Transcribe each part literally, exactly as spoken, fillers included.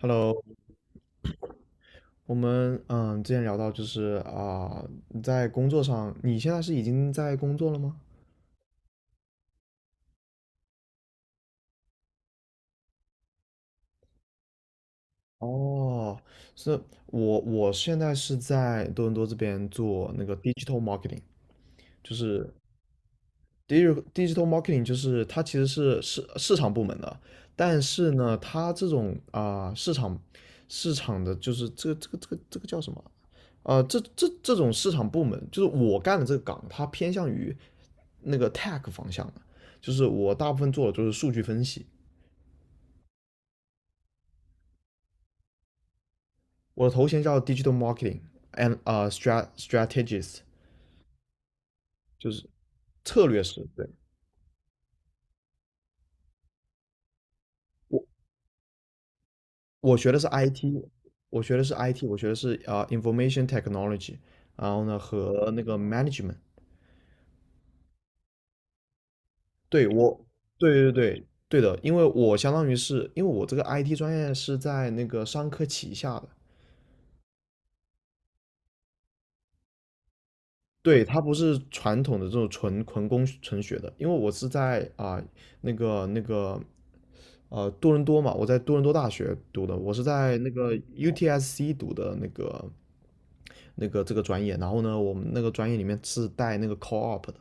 Hello，我们嗯之前聊到就是啊、你在工作上，你现在是已经在工作了吗？哦，是。我我现在是在多伦多这边做那个 digital marketing。就是 digital digital marketing 就是它其实是市市场部门的。但是呢，它这种啊、市场市场的就是这个这个这个这个叫什么？啊、这这这种市场部门，就是我干的这个岗，它偏向于那个 tech 方向的，就是我大部分做的就是数据分析。我的头衔叫 digital marketing and 啊、s t r a strategist，就是策略师。对，我学的是 I T，我学的是 I T，我学的是啊、呃 Information Technology，然后呢和那个 Management。对我，对对对对的。因为我相当于是因为我这个 I T 专业是在那个商科旗下的。对，它不是传统的这种纯纯工纯学的，因为我是在啊、那个那个呃多伦多嘛。我在多伦多大学读的，我是在那个 U T S C 读的那个那个这个专业。然后呢，我们那个专业里面是带那个 co-op 的。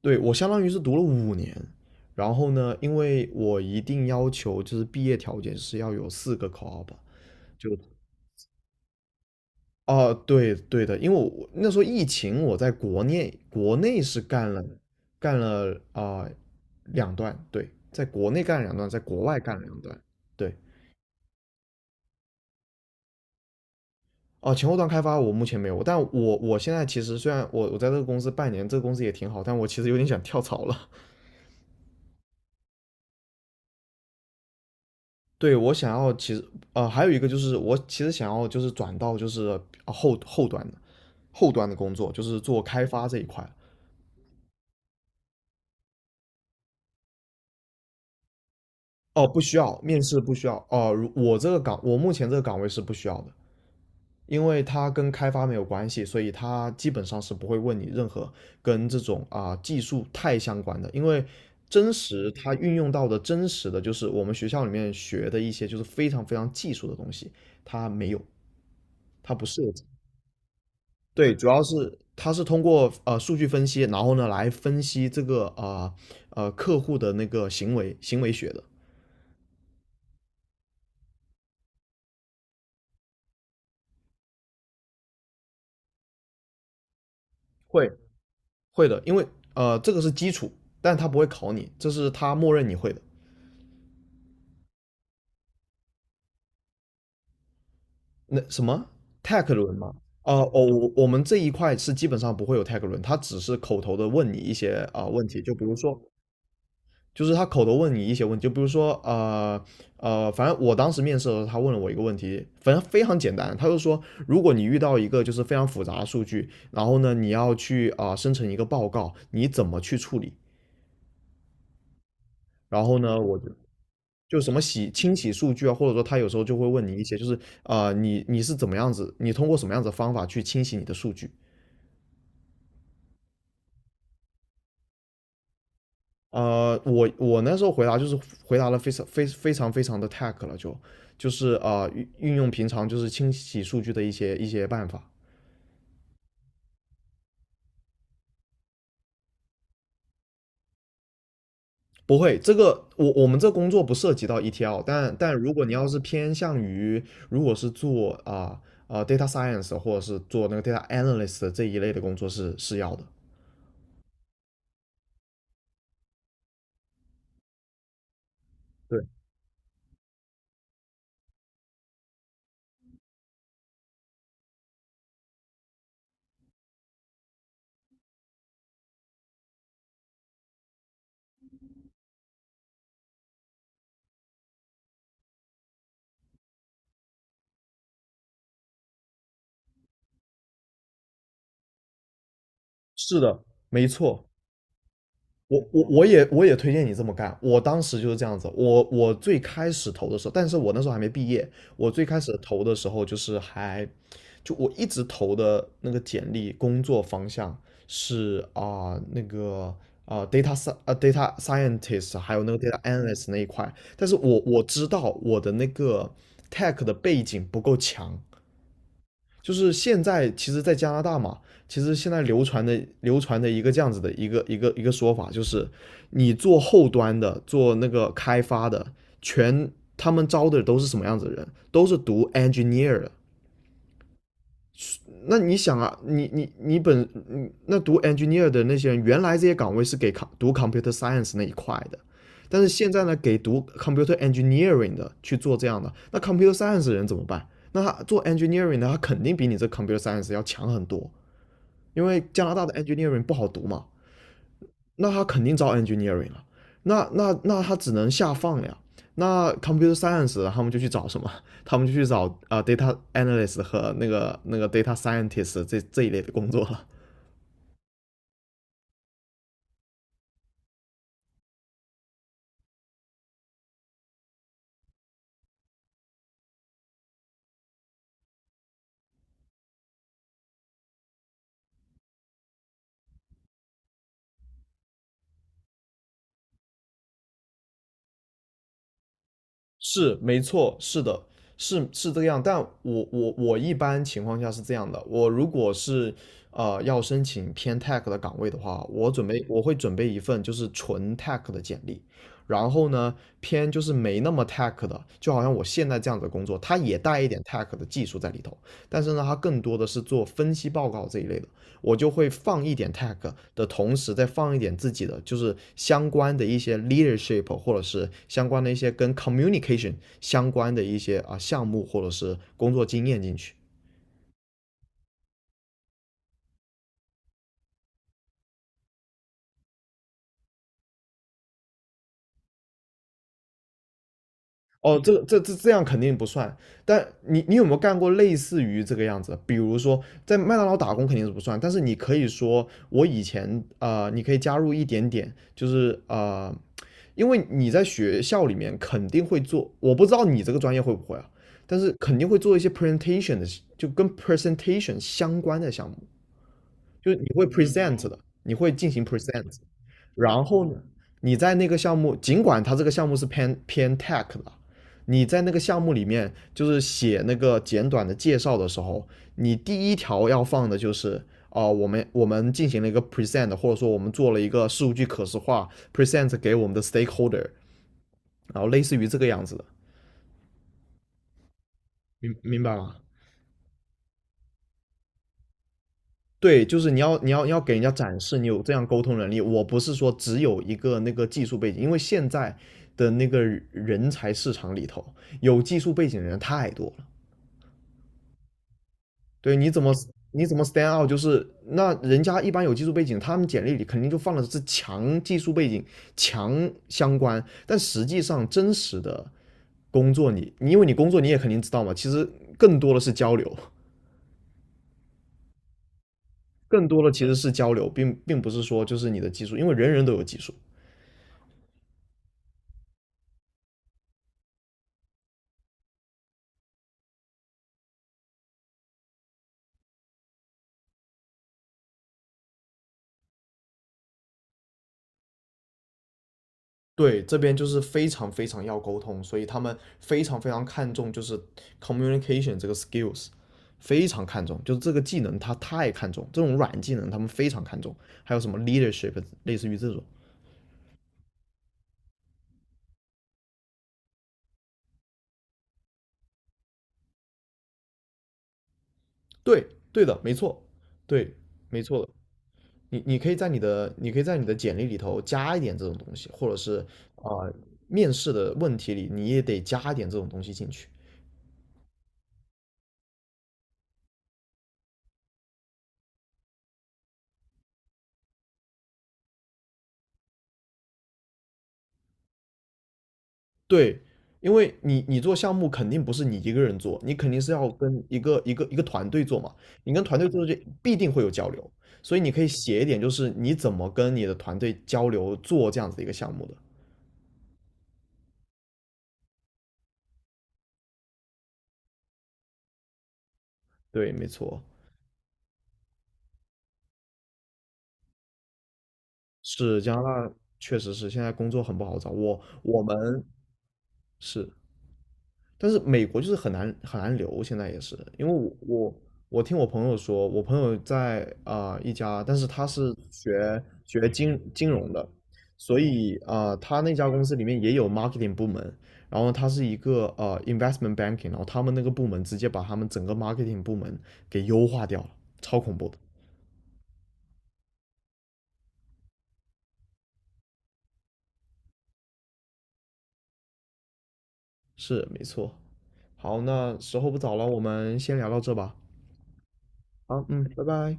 对，我相当于是读了五年。然后呢，因为我一定要求就是毕业条件是要有四个 co-op。就哦，对对的。因为我那时候疫情，我在国内国内是干了干了啊、呃两段。对，在国内干了两段，在国外干了两段。对，哦。前后端开发我目前没有。但我我现在其实虽然我我在这个公司半年，这个公司也挺好，但我其实有点想跳槽了。对，我想要其实呃还有一个就是我其实想要就是转到就是呃后后端的后端的工作，就是做开发这一块。哦，不需要面试，不需要。哦，如我这个岗，我目前这个岗位是不需要的。因为它跟开发没有关系，所以它基本上是不会问你任何跟这种啊、技术太相关的。因为真实它运用到的真实的就是我们学校里面学的一些就是非常非常技术的东西。它没有，它不涉及。对，主要是它是通过呃数据分析，然后呢来分析这个啊呃客户的那个行为行为学的。会，会的。因为呃这个是基础，但它不会考你，这是它默认你会的。那什么 tag 轮吗？啊、呃，我我我们这一块是基本上不会有 tag 轮，它只是口头的问你一些啊、呃问题。就比如说就是他口头问你一些问题，就比如说呃呃，反正我当时面试的时候，他问了我一个问题，反正非常简单。他就说，如果你遇到一个就是非常复杂的数据，然后呢你要去啊、呃生成一个报告，你怎么去处理？然后呢我就就什么洗清洗数据啊，或者说他有时候就会问你一些就是啊，你你是怎么样子，你通过什么样子的方法去清洗你的数据？呃，我我那时候回答就是回答了非常非非常非常的 tech 了，就就是呃运运用平常就是清洗数据的一些一些办法。不会，这个我我们这工作不涉及到 E T L，但但如果你要是偏向于如果是做啊啊、呃 data science 或者是做那个 data analyst 这一类的工作是是要的。对，是的，没错。我我我也我也推荐你这么干。我当时就是这样子，我我最开始投的时候，但是我那时候还没毕业。我最开始投的时候就是还，就我一直投的那个简历工作方向是啊、那个啊、data sci 啊 data scientist，还有那个 data analyst 那一块，但是我我知道我的那个 tech 的背景不够强。就是现在其实，在加拿大嘛，其实现在流传的流传的一个这样子的一个一个一个说法，就是你做后端的，做那个开发的，全他们招的都是什么样子的人？都是读 engineer 的。那你想啊，你你你本嗯那读 engineer 的那些人，原来这些岗位是给 com- 读 computer science 那一块的，但是现在呢，给读 computer engineering 的去做这样的，那 computer science 的人怎么办？那他做 engineering 的，他肯定比你这 computer science 要强很多，因为加拿大的 engineering 不好读嘛。那他肯定招 engineering 了，那那那他只能下放了呀。那 computer science 他们就去找什么？他们就去找啊、呃 data analyst 和那个那个 data scientist 这这一类的工作了。是没错，是的，是是这个样。但我我我一般情况下是这样的，我如果是呃要申请偏 tech 的岗位的话，我准备我会准备一份就是纯 tech 的简历。然后呢偏就是没那么 tech 的，就好像我现在这样子的工作，它也带一点 tech 的技术在里头，但是呢它更多的是做分析报告这一类的。我就会放一点 tag 的同时，再放一点自己的，就是相关的一些 leadership 或者是相关的一些跟 communication 相关的一些啊项目或者是工作经验进去。哦，这个这这这样肯定不算。但你你有没有干过类似于这个样子？比如说在麦当劳打工肯定是不算，但是你可以说我以前呃，你可以加入一点点，就是呃，因为你在学校里面肯定会做，我不知道你这个专业会不会啊，但是肯定会做一些 presentation 的，就跟 presentation 相关的项目。就你会 present 的，你会进行 present。然后呢，你在那个项目，尽管它这个项目是偏偏 tech 的，你在那个项目里面就是写那个简短的介绍的时候，你第一条要放的就是哦、呃我们我们进行了一个 present，或者说我们做了一个数据可视化 present 给我们的 stakeholder，然后类似于这个样子的。明明白吗？对，就是你要你要你要给人家展示你有这样沟通能力。我不是说只有一个那个技术背景，因为现在的那个人才市场里头，有技术背景的人太多了。对，你怎么你怎么 stand out？就是那人家一般有技术背景，他们简历里肯定就放的是强技术背景、强相关，但实际上真实的工作你，你因为你工作你也肯定知道嘛，其实更多的是交流，更多的其实是交流，并并不是说就是你的技术，因为人人都有技术。对，这边就是非常非常要沟通，所以他们非常非常看重就是 communication 这个 skills，非常看重，就是这个技能他太看重，这种软技能他们非常看重，还有什么 leadership，类似于这种。对，对的，没错，对，没错的。你你可以在你的你可以在你的简历里头加一点这种东西，或者是啊、呃面试的问题里你也得加一点这种东西进去。对，因为你你做项目肯定不是你一个人做，你肯定是要跟一个一个一个团队做嘛。你跟团队做就必定会有交流，所以你可以写一点，就是你怎么跟你的团队交流做这样子的一个项目的。对，没错，是加拿大确实是现在工作很不好找。我我们是但是美国就是很难很难留，现在也是，因为我我我听我朋友说，我朋友在啊、呃一家，但是他是学学金金融的，所以啊、呃他那家公司里面也有 marketing 部门，然后他是一个呃 investment banking，然后他们那个部门直接把他们整个 marketing 部门给优化掉了，超恐怖的，是没错。好，那时候不早了，我们先聊到这吧。好，嗯，拜拜。